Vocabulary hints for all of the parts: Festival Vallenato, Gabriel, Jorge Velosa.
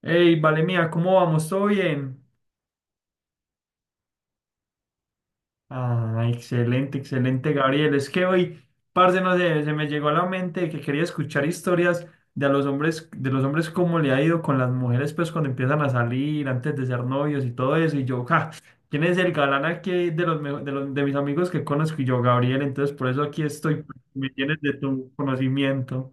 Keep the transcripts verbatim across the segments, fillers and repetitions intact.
Hey, vale mía, ¿cómo vamos? ¿Todo bien? Ah, excelente, excelente, Gabriel. Es que hoy, parce, no sé, se me llegó a la mente que quería escuchar historias de a los hombres, de los hombres cómo le ha ido con las mujeres, pues cuando empiezan a salir, antes de ser novios y todo eso. Y yo, ja, ¿quién es el galán aquí de los, mejo- de los- de mis amigos que conozco? Y yo, Gabriel, entonces por eso aquí estoy, me tienes de tu conocimiento.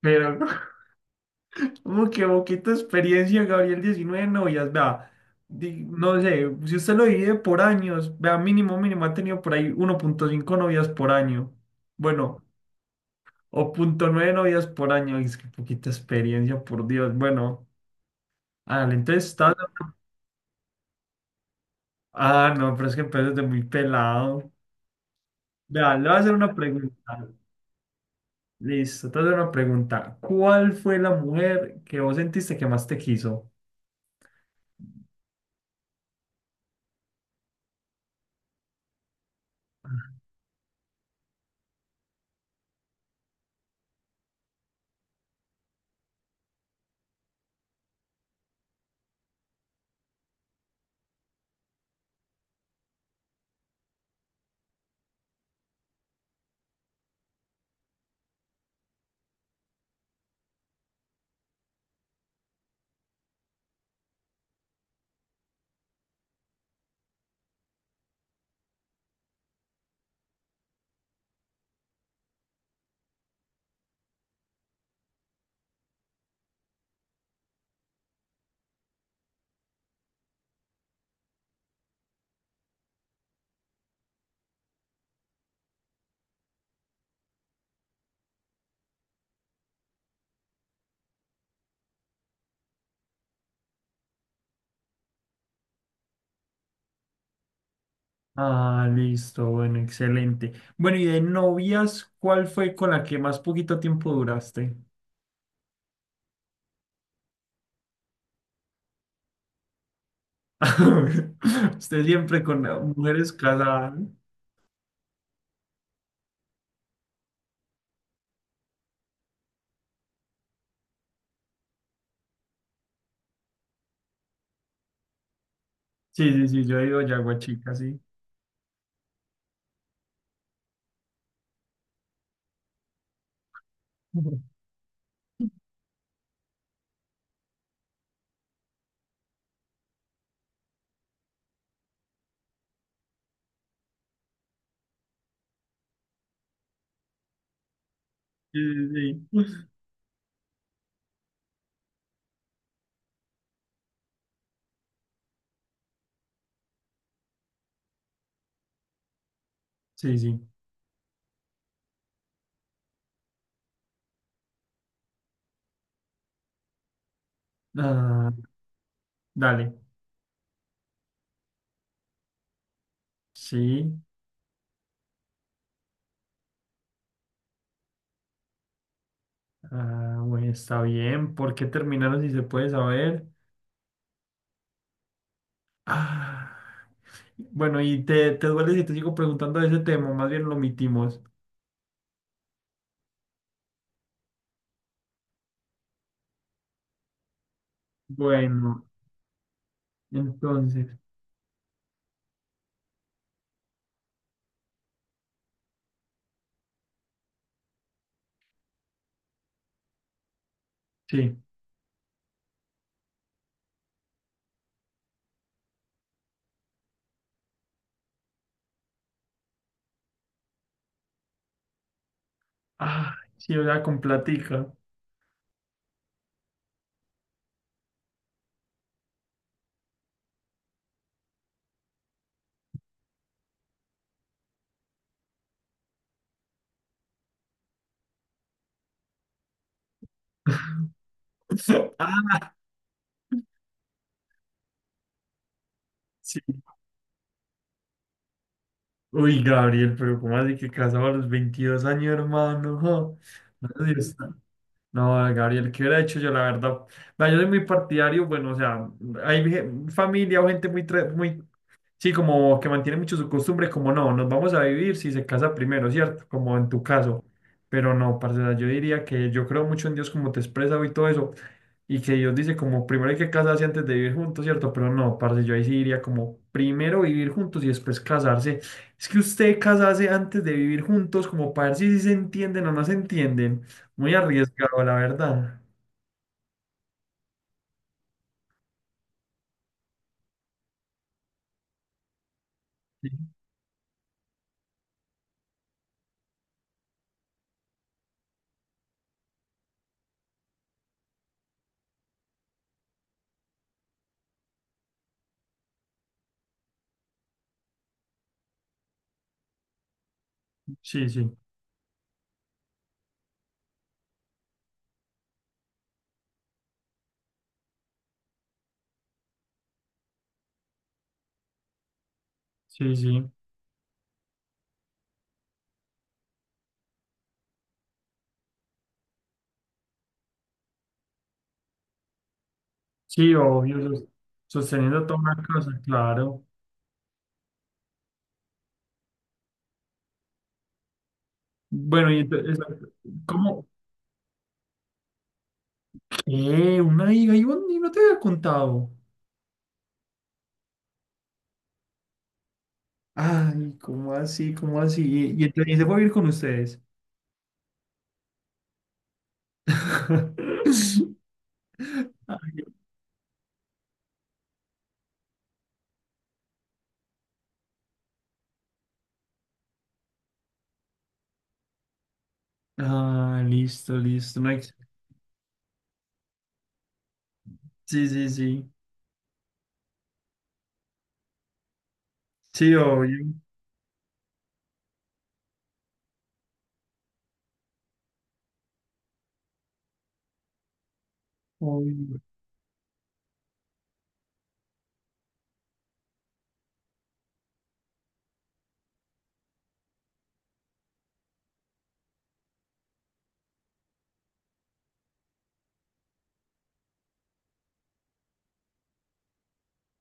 Pero, Uy, qué poquita experiencia, Gabriel, diecinueve novias, vea, di- no sé, si usted lo divide por años, vea, mínimo, mínimo, ha tenido por ahí uno punto cinco novias por año, bueno, o punto nueve novias por año, es que poquita experiencia, por Dios. Bueno, ah, entonces está, ah, no, pero es que empezó desde muy pelado, vea, le voy a hacer una pregunta, listo, te voy a hacer una pregunta, ¿cuál fue la mujer que vos sentiste que más te quiso? Ah, listo, bueno, excelente. Bueno, y de novias, ¿cuál fue con la que más poquito tiempo duraste? Usted siempre con eh, mujeres casadas, ¿no? Sí, sí, sí, yo he ido Yaguachica, sí. Sí, sí, sí. Sí, sí. Ah, dale. Sí. Ah, bueno, está bien. ¿Por qué terminaron, si se puede saber? Ah. Bueno, y te, te duele si te sigo preguntando de ese tema, más bien lo omitimos. Bueno, entonces, sí. Ah, sí, era con platica. Ah, sí. Uy, Gabriel, pero ¿cómo así que casaba a los veintidós años, hermano? Jo, no, sé si está- no, Gabriel, ¿qué hubiera hecho yo, la verdad? Vea, yo soy muy partidario, bueno, o sea, hay ge- familia o gente muy, tra- muy, sí, como que mantiene mucho su costumbre, como no, nos vamos a vivir si se casa primero, ¿cierto? Como en tu caso. Pero no, parce, o sea, yo diría que yo creo mucho en Dios como te expresa y todo eso, y que Dios dice como primero hay que casarse antes de vivir juntos, ¿cierto? Pero no, parce, yo ahí sí diría como primero vivir juntos y después casarse. Es que usted casarse antes de vivir juntos como para ver si, sí se entienden o no se entienden. Muy arriesgado, la verdad. Sí, sí, sí, sí, sí, sí, obvio, sos- sosteniendo toda una casa, claro. Bueno, y entonces, ¿cómo? ¿Qué? ¿Una hija? ¿Y vos ni- no te había contado? Ay, ¿cómo así? ¿Cómo así? ¿Y, y entonces se fue a vivir con ustedes? Ay, ah, listo, listo. No hay- Sí, sí, sí. Sí, obvio. Obvio.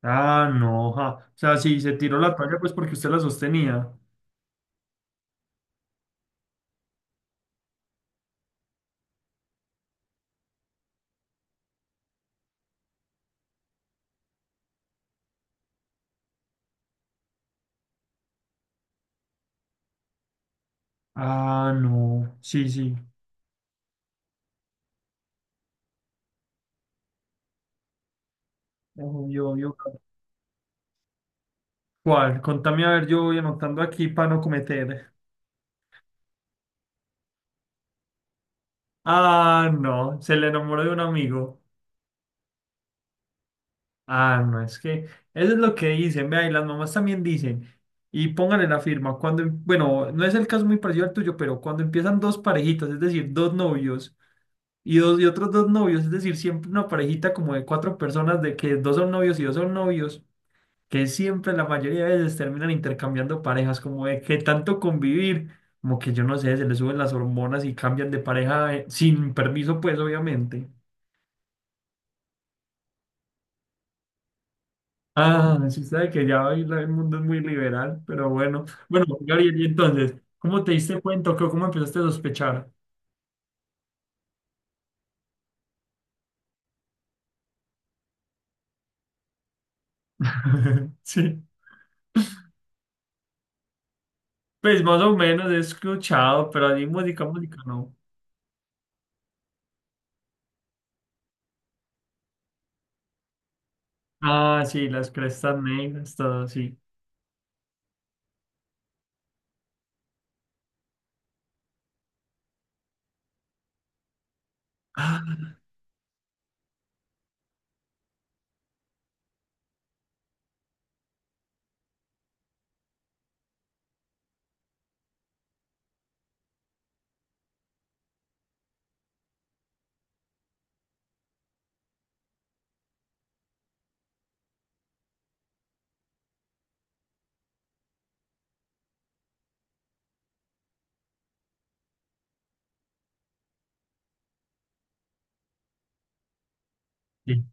Ah, no, ja. O sea, sí, se tiró la toalla pues porque usted la sostenía. Ah, no. Sí, sí. Obvio, obvio. ¿Cuál? Contame, a ver, yo voy anotando aquí para no cometer. Ah, no. Se le enamoró de un amigo. Ah, no, es que eso es lo que dicen, vea, y las mamás también dicen, y pónganle la firma, cuando, em- bueno, no es el caso muy parecido al tuyo, pero cuando empiezan dos parejitas, es decir, dos novios, y dos y otros dos novios, es decir, siempre una parejita como de cuatro personas, de que dos son novios y dos son novios, que siempre la mayoría de veces terminan intercambiando parejas, como de que tanto convivir, como que yo no sé, se les suben las hormonas y cambian de pareja eh, sin permiso, pues, obviamente. Ah, sí sabe que ya hoy la- el mundo es muy liberal, pero bueno. Bueno, Gabriel, y entonces, ¿cómo te diste cuenta o qué- cómo empezaste a sospechar? Sí, pues más o menos he escuchado, pero así música, música no. Ah, sí, las crestas negras, todo así. Ah, sí,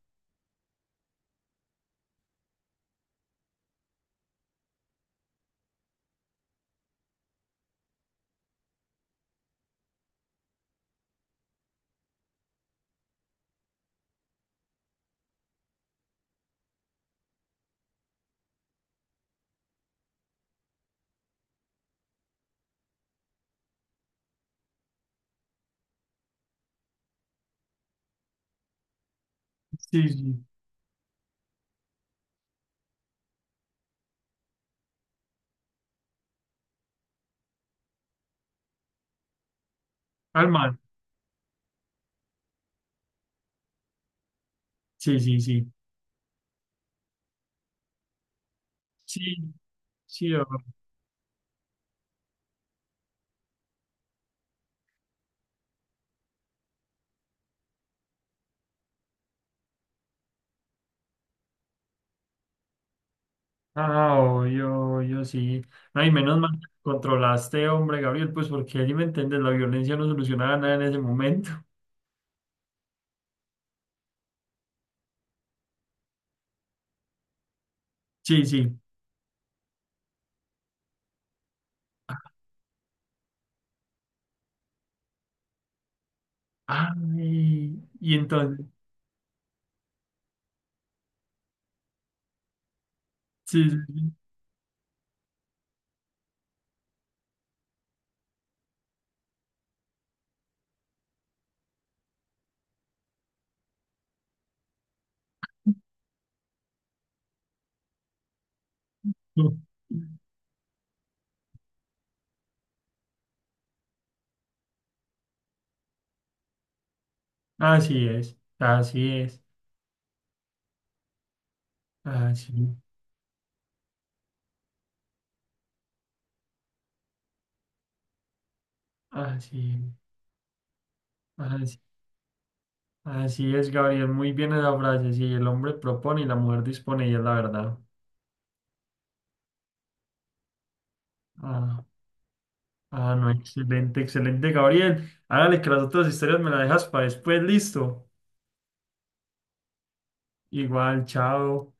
sí, sí. Alma, sí, sí, sí. Sí, sí, o- ah, oh, yo, yo sí. Ay, menos mal que controlaste, hombre, Gabriel, pues porque allí me entiendes, la violencia no solucionaba nada en ese momento. Sí, sí. Ay, y entonces, sí, sí, sí. Así es, así es, así, así, así, así es, Gabriel. Muy bien esa frase. Sí, el hombre propone y la mujer dispone, y es la verdad. Ah, ah, no, excelente, excelente, Gabriel. Hágale que las otras historias me las dejas para después, listo. Igual, chao.